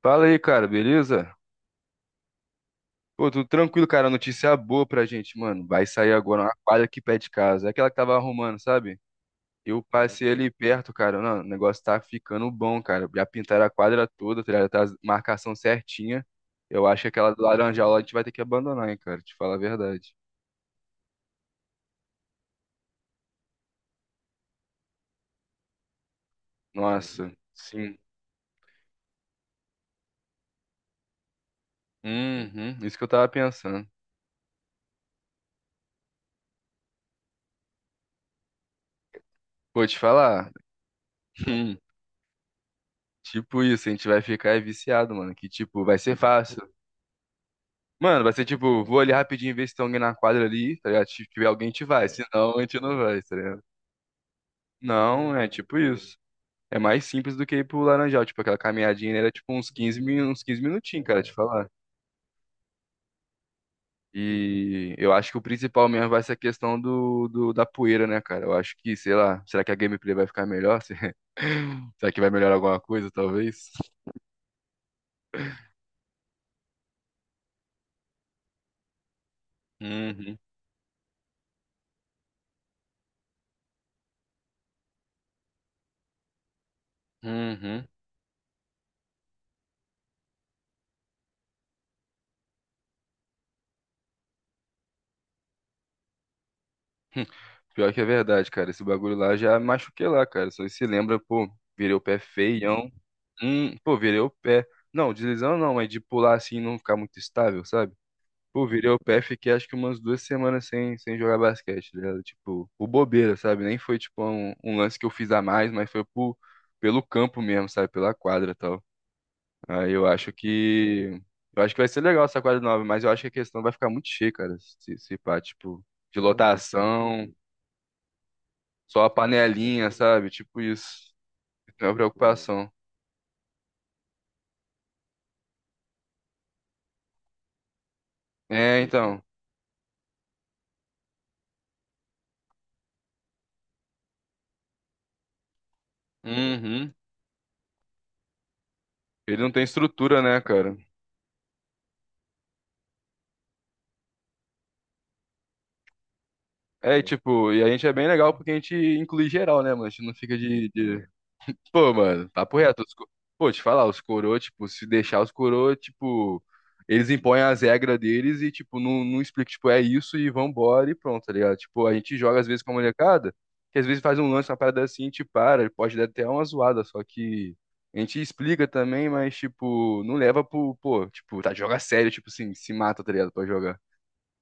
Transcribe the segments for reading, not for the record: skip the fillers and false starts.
Fala aí, cara, beleza? Pô, tudo tranquilo, cara. Notícia boa pra gente, mano. Vai sair agora uma quadra aqui perto de casa. É aquela que tava arrumando, sabe? Eu passei ali perto, cara. Não, o negócio tá ficando bom, cara. Já pintaram a quadra toda, tá ligado? Tá a marcação certinha. Eu acho que aquela do Laranjal lá a gente vai ter que abandonar, hein, cara. Te falar a verdade. Nossa, sim. Uhum, isso que eu tava pensando. Pô, te falar. Tipo isso, a gente vai ficar viciado, mano. Que tipo, vai ser fácil. Mano, vai ser tipo, vou ali rapidinho ver se tem alguém na quadra ali, tá ligado? Se tiver alguém, a gente vai. Se não, a gente não vai, tá ligado? Não, é tipo isso. É mais simples do que ir pro Laranjal, tipo, aquela caminhadinha, né, era tipo uns uns 15 minutinhos, cara, te falar. E eu acho que o principal mesmo vai ser a questão da poeira, né, cara? Eu acho que, sei lá, será que a gameplay vai ficar melhor? Será que vai melhorar alguma coisa, talvez? Uhum, uhum. Hum, Pior que é verdade, cara. Esse bagulho lá já me machuquei lá, cara. Só se lembra, pô, virei o pé feião. Pô, virei o pé. Não, deslizando não, mas de pular assim e não ficar muito estável, sabe? Pô, virei o pé, fiquei acho que umas 2 semanas sem jogar basquete, tá ligado? Tipo, por bobeira, sabe? Nem foi tipo um lance que eu fiz a mais, mas foi por, pelo campo mesmo, sabe? Pela quadra e tal. Aí eu acho que. Eu acho que vai ser legal essa quadra nova, mas eu acho que a questão vai ficar muito cheia, cara. Se pá, tipo, de lotação. Só a panelinha, sabe? Tipo isso. Então é uma preocupação. É, então. Uhum. Ele não tem estrutura, né, cara? É, e, tipo, e a gente é bem legal porque a gente inclui geral, né, mano? A gente não fica de Pô, mano, papo reto. Os... co- Pô, te falar, os coroa, tipo, se deixar os coroa, tipo, eles impõem as regras deles e, tipo, não explica, tipo, é isso e vambora e pronto, tá ligado? Tipo, a gente joga às vezes com a molecada, que às vezes faz um lance, uma parada assim, e te para, pode dar até uma zoada, só que a gente explica também, mas, tipo, não leva pro, pô, tipo, tá, joga sério, tipo assim, se mata, tá ligado, pra jogar.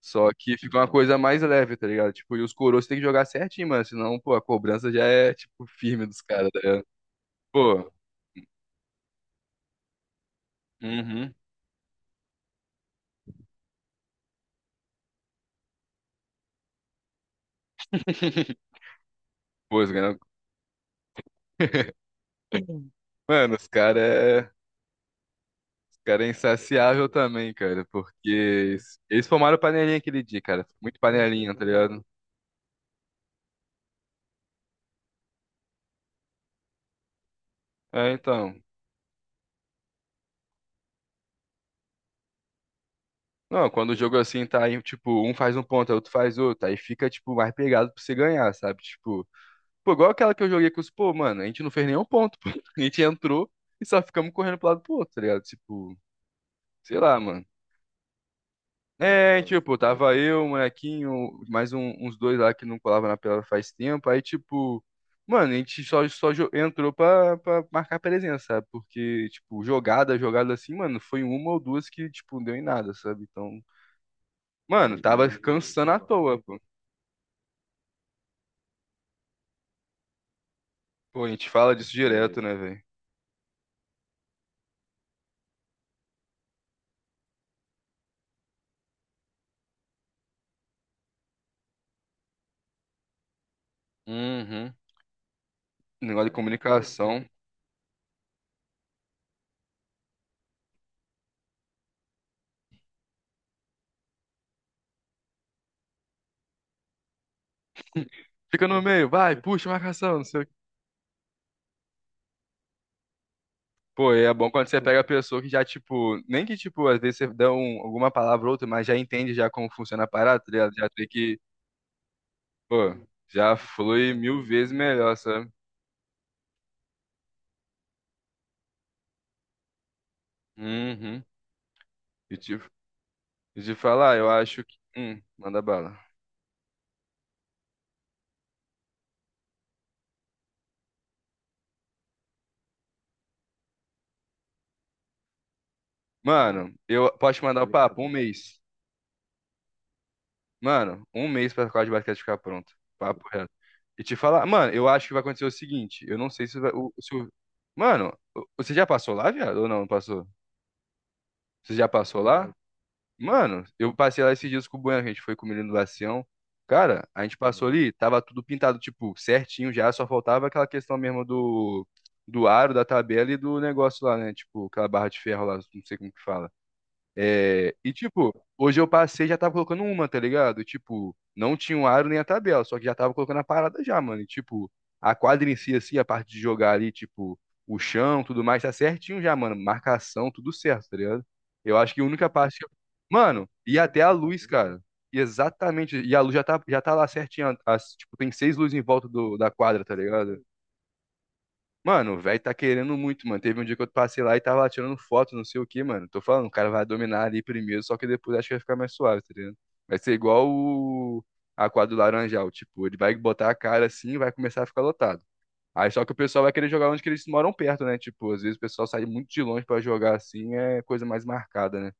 Só que fica uma coisa mais leve, tá ligado? Tipo, e os coroas tem que jogar certinho, mano, senão, pô, a cobrança já é, tipo, firme dos caras, tá ligado? Pô, uhum. Pô, os caras, mano, os caras é... os cara é insaciável também, cara, porque eles formaram panelinha aquele dia, cara. Muito panelinha, tá ligado? É, então. Não, quando o jogo assim tá aí, tipo, um faz um ponto, aí outro faz outro, aí fica, tipo, mais pegado pra você ganhar, sabe? Tipo, pô, igual aquela que eu joguei com os, pô, mano, a gente não fez nenhum ponto, pô. A gente entrou e só ficamos correndo pro lado pro outro, tá ligado? Tipo, sei lá, mano. É, tipo, tava eu, o molequinho, mais uns dois lá que não colava na pelada faz tempo. Aí, tipo, mano, a gente só, entrou pra marcar presença, sabe? Porque, tipo, jogada, jogada assim, mano, foi uma ou duas que, tipo, não deu em nada, sabe? Então, mano, tava cansando à toa, pô. Pô, a gente fala disso direto, né, velho? Uhum. Negócio de comunicação. Fica no meio, vai, puxa, marcação, não sei o Pô, e é bom quando você pega a pessoa que já, tipo, nem que, tipo, às vezes você dá um, alguma palavra ou outra, mas já entende já como funciona a parada, tá ligado? Já tem que, pô, já flui mil vezes melhor, sabe? Uhum. E te, e te falar, eu acho que. Manda bala. Mano, eu posso te mandar o papo? Um mês. Mano, um mês pra quadra de basquete ficar pronto. Papo reto. E te falar, mano, eu acho que vai acontecer o seguinte, eu não sei se vai. Se o- mano, você já passou lá, viado? Ou não, não passou? Você já passou lá? Mano, eu passei lá esses dias com o Bueno, que a gente foi com o menino do Lacião. Cara, a gente passou uhum. ali, tava tudo pintado, tipo, certinho já, só faltava aquela questão mesmo do aro, da tabela e do negócio lá, né? Tipo, aquela barra de ferro lá, não sei como que fala. É, e tipo, hoje eu passei e já tava colocando uma, tá ligado? Tipo, não tinha o aro nem a tabela, só que já tava colocando a parada já, mano. E tipo, a quadra em si, assim, a parte de jogar ali, tipo, o chão, tudo mais, tá certinho já, mano. Marcação, tudo certo, tá ligado? Eu acho que a única parte que... eu- Mano, e até a luz, cara. E exatamente. E a luz já tá lá certinha. As, tipo, tem seis luzes em volta do, da quadra, tá ligado? Mano, o velho tá querendo muito, mano. Teve um dia que eu passei lá e tava lá tirando foto, não sei o que, mano. Tô falando, o cara vai dominar ali primeiro, só que depois acho que vai ficar mais suave, tá ligado? Vai ser igual o... a quadra do Laranjal, tipo, ele vai botar a cara assim e vai começar a ficar lotado. Aí só que o pessoal vai querer jogar onde que eles moram perto, né? Tipo, às vezes o pessoal sai muito de longe pra jogar assim, é coisa mais marcada, né?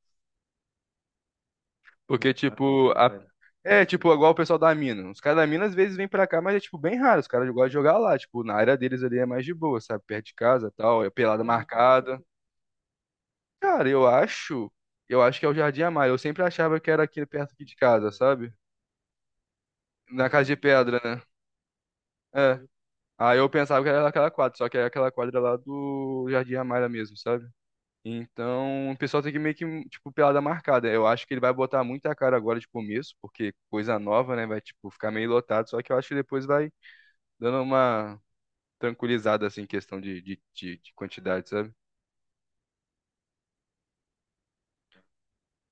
Porque, caramba, tipo, caramba, a... velho. É, tipo, igual o pessoal da mina. Os caras da mina às vezes vêm pra cá, mas é, tipo, bem raro. Os caras gostam de jogar lá. Tipo, na área deles ali é mais de boa, sabe? Perto de casa tal, é pelada uhum. marcada. Cara, eu acho. Eu acho que é o Jardim Amaro. Eu sempre achava que era aqui perto aqui de casa, sabe? Na casa de pedra, né? É. Aí eu pensava que era aquela quadra, só que é aquela quadra lá do Jardim Amaro mesmo, sabe? Então, o pessoal tem que meio que, tipo, pelada marcada. Eu acho que ele vai botar muita cara agora de começo, porque coisa nova, né? Vai, tipo, ficar meio lotado. Só que eu acho que depois vai dando uma tranquilizada, assim, em questão de quantidade, sabe?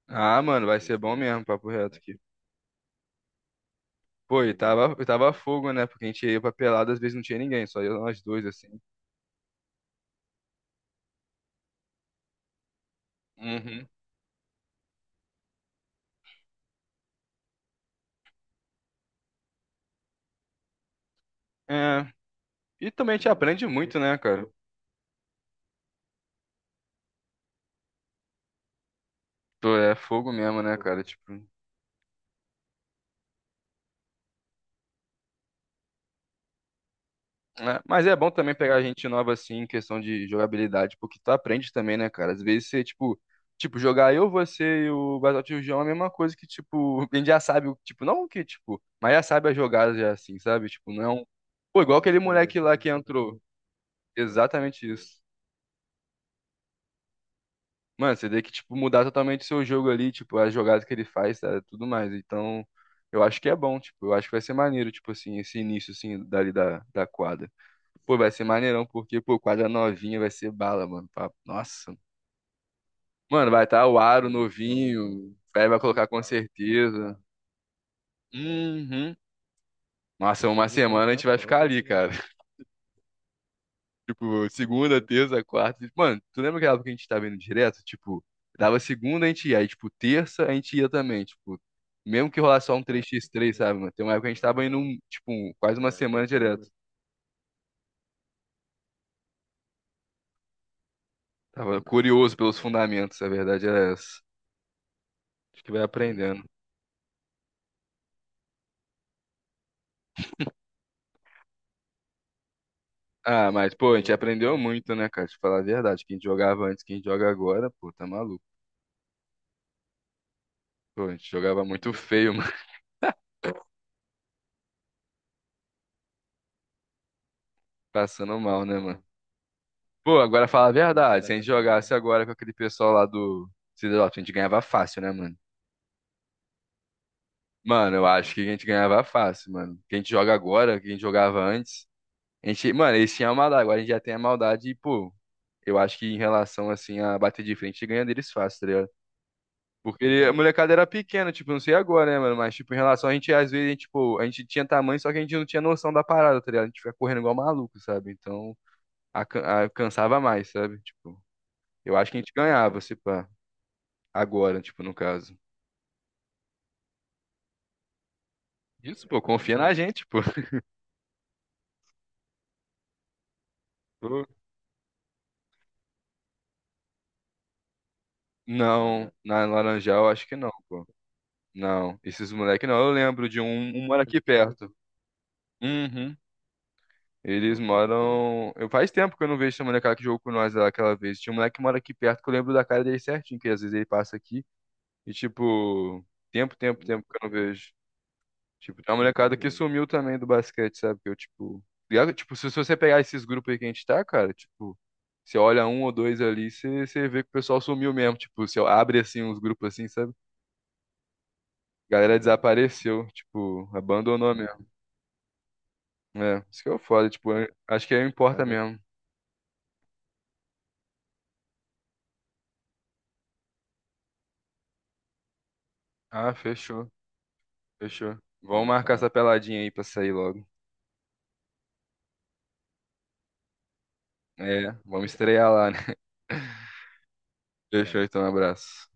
Ah, mano, vai ser bom mesmo, papo reto aqui. Pô, e tava fogo, né? Porque a gente ia pra pelada, às vezes não tinha ninguém, só ia nós dois, assim. Uhum. É, e também a gente aprende muito, né, cara? Pô, é fogo mesmo, né, cara? Tipo. Né? Mas é bom também pegar gente nova assim em questão de jogabilidade, porque tu aprende também, né, cara? Às vezes você, tipo, tipo, jogar eu, você e o Battlefield João é a mesma coisa que, tipo, a gente já sabe, tipo, não que, tipo, mas já sabe as jogadas já assim, sabe? Tipo, não. Pô, igual aquele moleque lá que entrou. Exatamente isso. Mano, você tem que, tipo, mudar totalmente o seu jogo ali, tipo, as jogadas que ele faz, tá? Tudo mais. Então, eu acho que é bom, tipo, eu acho que vai ser maneiro, tipo assim, esse início, assim, dali da quadra. Pô, vai ser maneirão, porque, pô, quadra novinha vai ser bala, mano. Pá, nossa. Mano, vai estar o aro novinho, o Fred vai colocar com certeza. Uhum. Nossa, uma semana a gente vai ficar ali, cara. Tipo, segunda, terça, quarta. Mano, tu lembra aquela época que a gente tava indo direto? Tipo, dava segunda, a gente ia. Aí, tipo, terça, a gente ia também. Tipo, mesmo que rolasse só um 3x3, sabe, mano? Tem uma época que a gente tava indo, um, tipo, quase uma semana direto. Tava curioso pelos fundamentos, a verdade era essa. Acho que vai aprendendo. Ah, mas, pô, a gente aprendeu muito, né, cara? Te falar a verdade. Quem jogava antes, quem joga agora, pô, tá maluco. Pô, a gente jogava muito feio, mano. Passando mal, né, mano? Pô, agora fala a verdade. Se a gente jogasse agora com aquele pessoal lá do Cidadop, a gente ganhava fácil, né, mano? Mano, eu acho que a gente ganhava fácil, mano. Que a gente joga agora, que a gente jogava antes. A gente, mano, eles tinham a maldade, agora a gente já tem a maldade e, pô, eu acho que em relação, assim, a bater de frente, a gente ganha deles fácil, tá ligado? Porque ele- a molecada era pequena, tipo, não sei agora, né, mano? Mas, tipo, em relação a gente, às vezes, a gente, tipo, a gente tinha tamanho, só que a gente não tinha noção da parada, tá ligado? A gente fica correndo igual maluco, sabe? Então, a, a- cansava mais, sabe? Tipo, eu acho que a gente ganhava, se pá. Agora, tipo, no caso. Isso, pô, confia na gente, pô. Pô, não, na Laranjal acho que não, pô. Não, esses moleques não. Eu lembro de um, um mora aqui perto. Uhum. Eles moram. Eu faz tempo que eu não vejo esse molecada que jogou com nós lá aquela vez. Tinha um moleque que mora aqui perto que eu lembro da cara dele certinho, que às vezes ele passa aqui. E tipo, tempo, tempo, tempo que eu não vejo. Tipo, tem uma molecada que sumiu também do basquete, sabe? Que eu, tipo. Ligado? Tipo, se você pegar esses grupos aí que a gente tá, cara, tipo, você olha um ou dois ali, você, você vê que o pessoal sumiu mesmo. Tipo, você abre assim uns grupos assim, sabe? A galera desapareceu, tipo, abandonou mesmo. É, isso que é o foda, tipo, eu- acho que aí importa mesmo. Ah, fechou, fechou. Vamos marcar essa peladinha aí pra sair logo. É, vamos estrear lá, né? Fechou, então, um abraço.